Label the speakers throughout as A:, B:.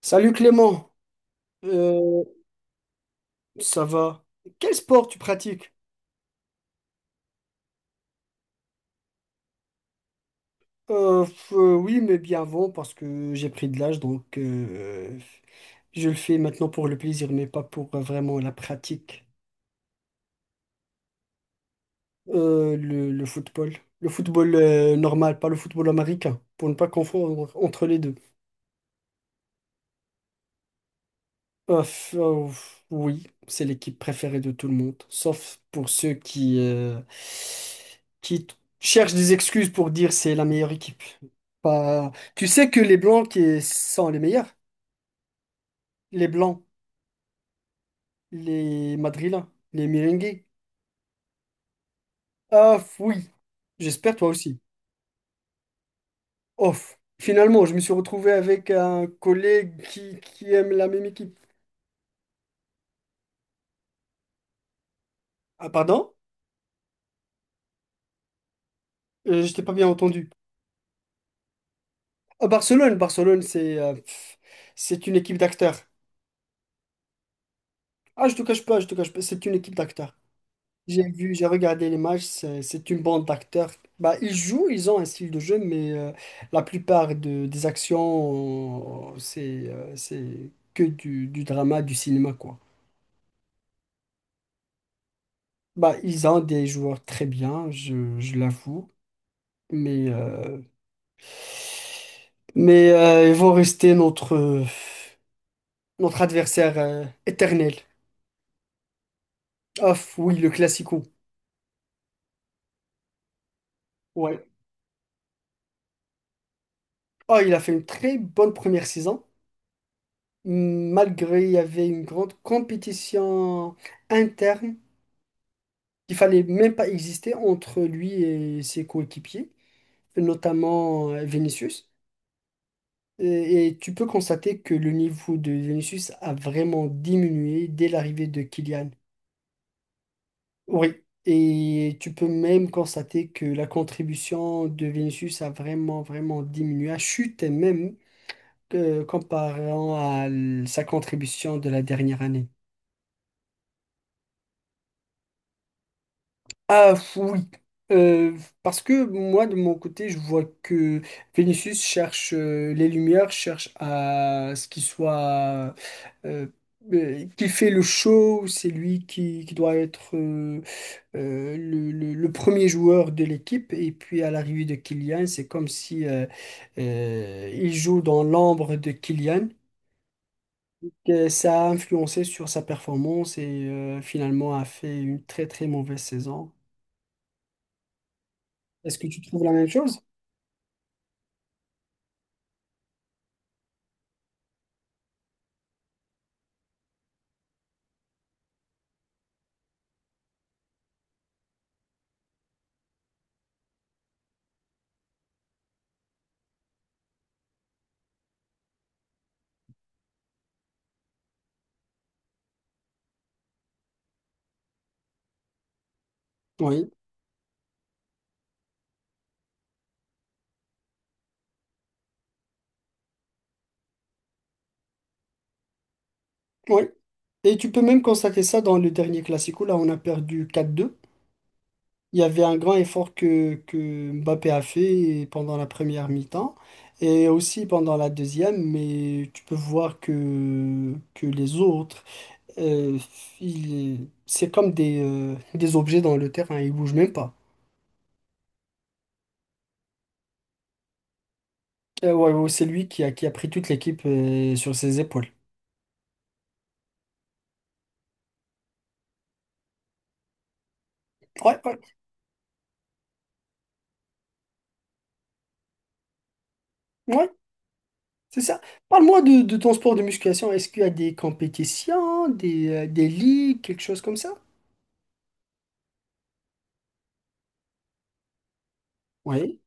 A: Salut Clément. Euh, ça va? Quel sport tu pratiques? Oui, mais bien avant parce que j'ai pris de l'âge, donc je le fais maintenant pour le plaisir, mais pas pour vraiment la pratique. Le football, normal, pas le football américain, pour ne pas confondre entre les deux. Euh, f- euh, oui, c'est l'équipe préférée de tout le monde, sauf pour ceux qui cherchent des excuses pour dire c'est la meilleure équipe. Pas... Tu sais que les Blancs qui sont les meilleurs, les Blancs, les Madrilènes, les Merengues. Ah oui, j'espère toi aussi. Off. Finalement, je me suis retrouvé avec un collègue qui aime la même équipe. Ah pardon? Je t'ai pas bien entendu. Ah, Barcelone, Barcelone, c'est une équipe d'acteurs. Ah, je te cache pas, je te cache pas, c'est une équipe d'acteurs. J'ai vu, j'ai regardé les matchs, c'est une bande d'acteurs. Bah, ils jouent, ils ont un style de jeu, mais la plupart des actions, c'est que du drama, du cinéma, quoi. Bah, ils ont des joueurs très bien, je l'avoue, mais, euh, ils vont rester notre adversaire éternel. Off, oui, le classico. Ouais. Oh, il a fait une très bonne première saison. Malgré il y avait une grande compétition interne qu'il fallait même pas exister entre lui et ses coéquipiers, notamment Vinicius. Et tu peux constater que le niveau de Vinicius a vraiment diminué dès l'arrivée de Kylian. Oui. Et tu peux même constater que la contribution de Vinicius a vraiment, vraiment diminué, a chuté même comparant sa contribution de la dernière année. Ah, oui. Euh, parce que moi de mon côté je vois que Vénus cherche les lumières, cherche à ce qu'il soit euh, qui fait le show, c'est lui qui doit être le premier joueur de l'équipe et puis à l'arrivée de Kylian c'est comme si il joue dans l'ombre de Kylian. Ça a influencé sur sa performance et finalement a fait une très très mauvaise saison. Est-ce que tu trouves la même chose? Oui, oui. Et tu peux même constater ça dans le dernier Classico. Là, on a perdu 4-2. Il y avait un grand effort que Mbappé a fait pendant la première mi-temps et aussi pendant la deuxième, mais tu peux voir que les autres, euh, c'est comme des objets dans le terrain, ils bougent même pas. Ouais, ouais, c'est lui qui a pris toute l'équipe sur ses épaules. Ouais, ouais, ouais. C'est ça. Parle-moi de ton sport de musculation. Est-ce qu'il y a des compétitions, des ligues, quelque chose comme ça? Oui,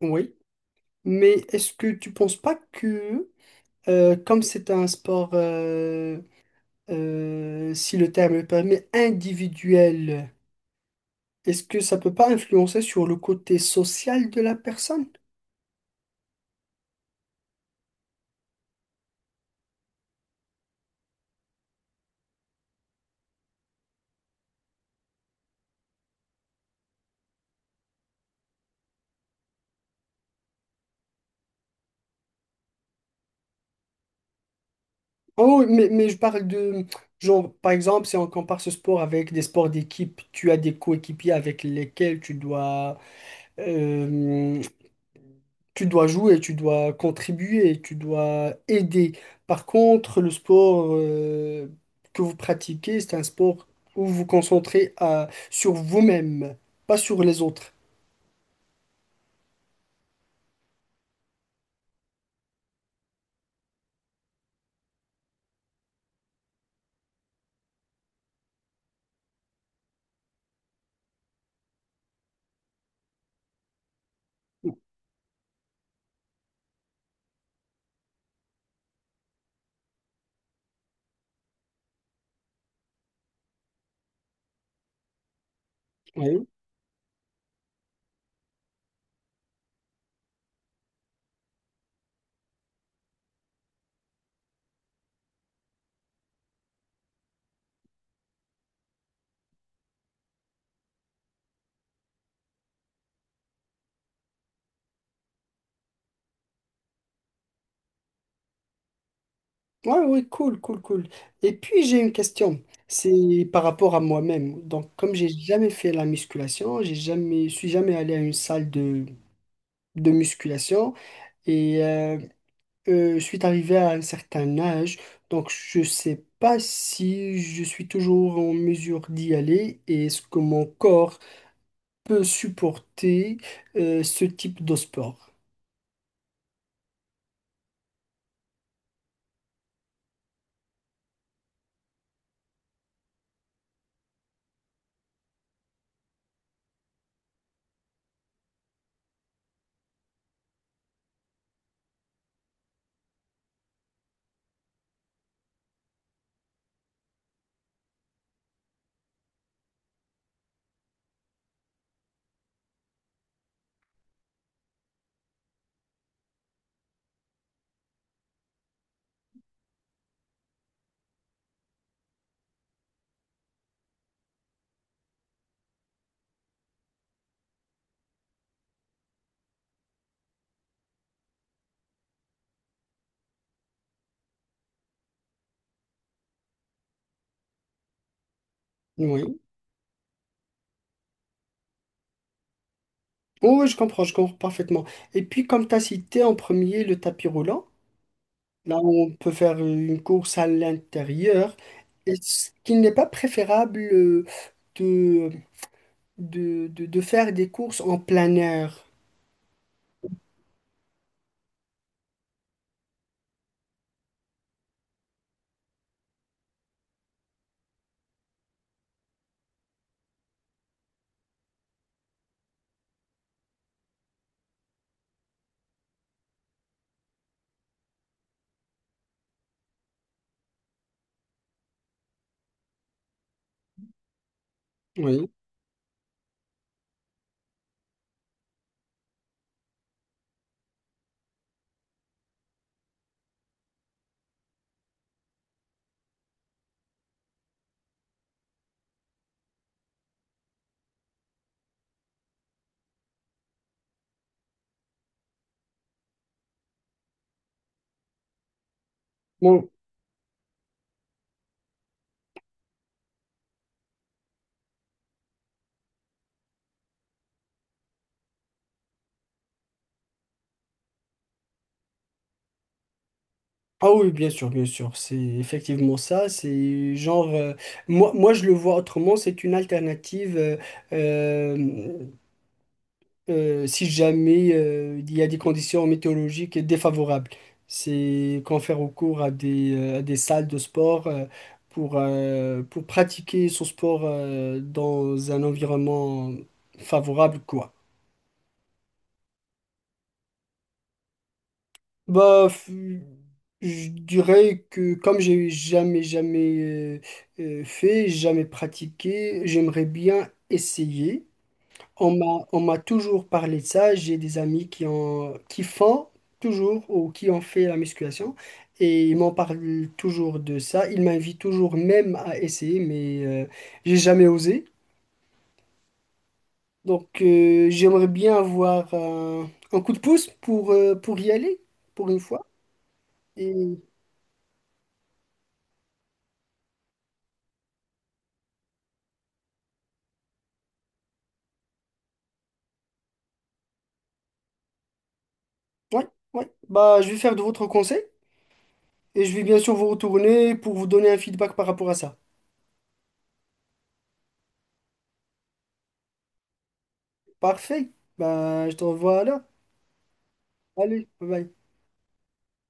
A: oui. Mais est-ce que tu penses pas que, comme c'est un sport, si le terme le permet, individuel, est-ce que ça peut pas influencer sur le côté social de la personne? Oh, mais je parle de, genre, par exemple, si on compare ce sport avec des sports d'équipe, tu as des coéquipiers avec lesquels euh, tu dois jouer, tu dois contribuer, tu dois aider. Par contre, le sport, que vous pratiquez, c'est un sport où vous vous concentrez sur vous-même, pas sur les autres. Oui. Ouais, ouais, cool, cool, cool. Et puis j'ai une question, c'est par rapport à moi-même. Donc, comme j'ai jamais fait la musculation, j'ai jamais, je suis jamais allé à une salle de musculation et je suis arrivé à un certain âge, donc je sais pas si je suis toujours en mesure d'y aller et est-ce que mon corps peut supporter ce type de sport. Oui. Oui, oui, je comprends parfaitement. Et puis, comme tu as cité en premier le tapis roulant. Là, on peut faire une course à l'intérieur. Est-ce qu'il n'est pas préférable de, de faire des courses en plein air? Oui. Bon. Ah oui, bien sûr, bien sûr. C'est effectivement ça. C'est genre, moi, je le vois autrement. C'est une alternative. Euh, Si jamais il y a des conditions météorologiques défavorables, c'est qu'on fait recours à à des salles de sport pour pratiquer son sport dans un environnement favorable, quoi. Bah, je dirais que comme j'ai jamais, jamais fait, jamais pratiqué, j'aimerais bien essayer. On m'a toujours parlé de ça. J'ai des amis qui ont, qui font toujours ou qui ont fait la musculation et ils m'en parlent toujours de ça. Ils m'invitent toujours même à essayer, mais j'ai jamais osé. Donc j'aimerais bien avoir un coup de pouce pour y aller pour une fois. Et ouais, ouais. Bah, je vais faire de votre conseil et je vais bien sûr vous retourner pour vous donner un feedback par rapport à ça. Parfait. Bah, je te revois là. Allez, bye bye.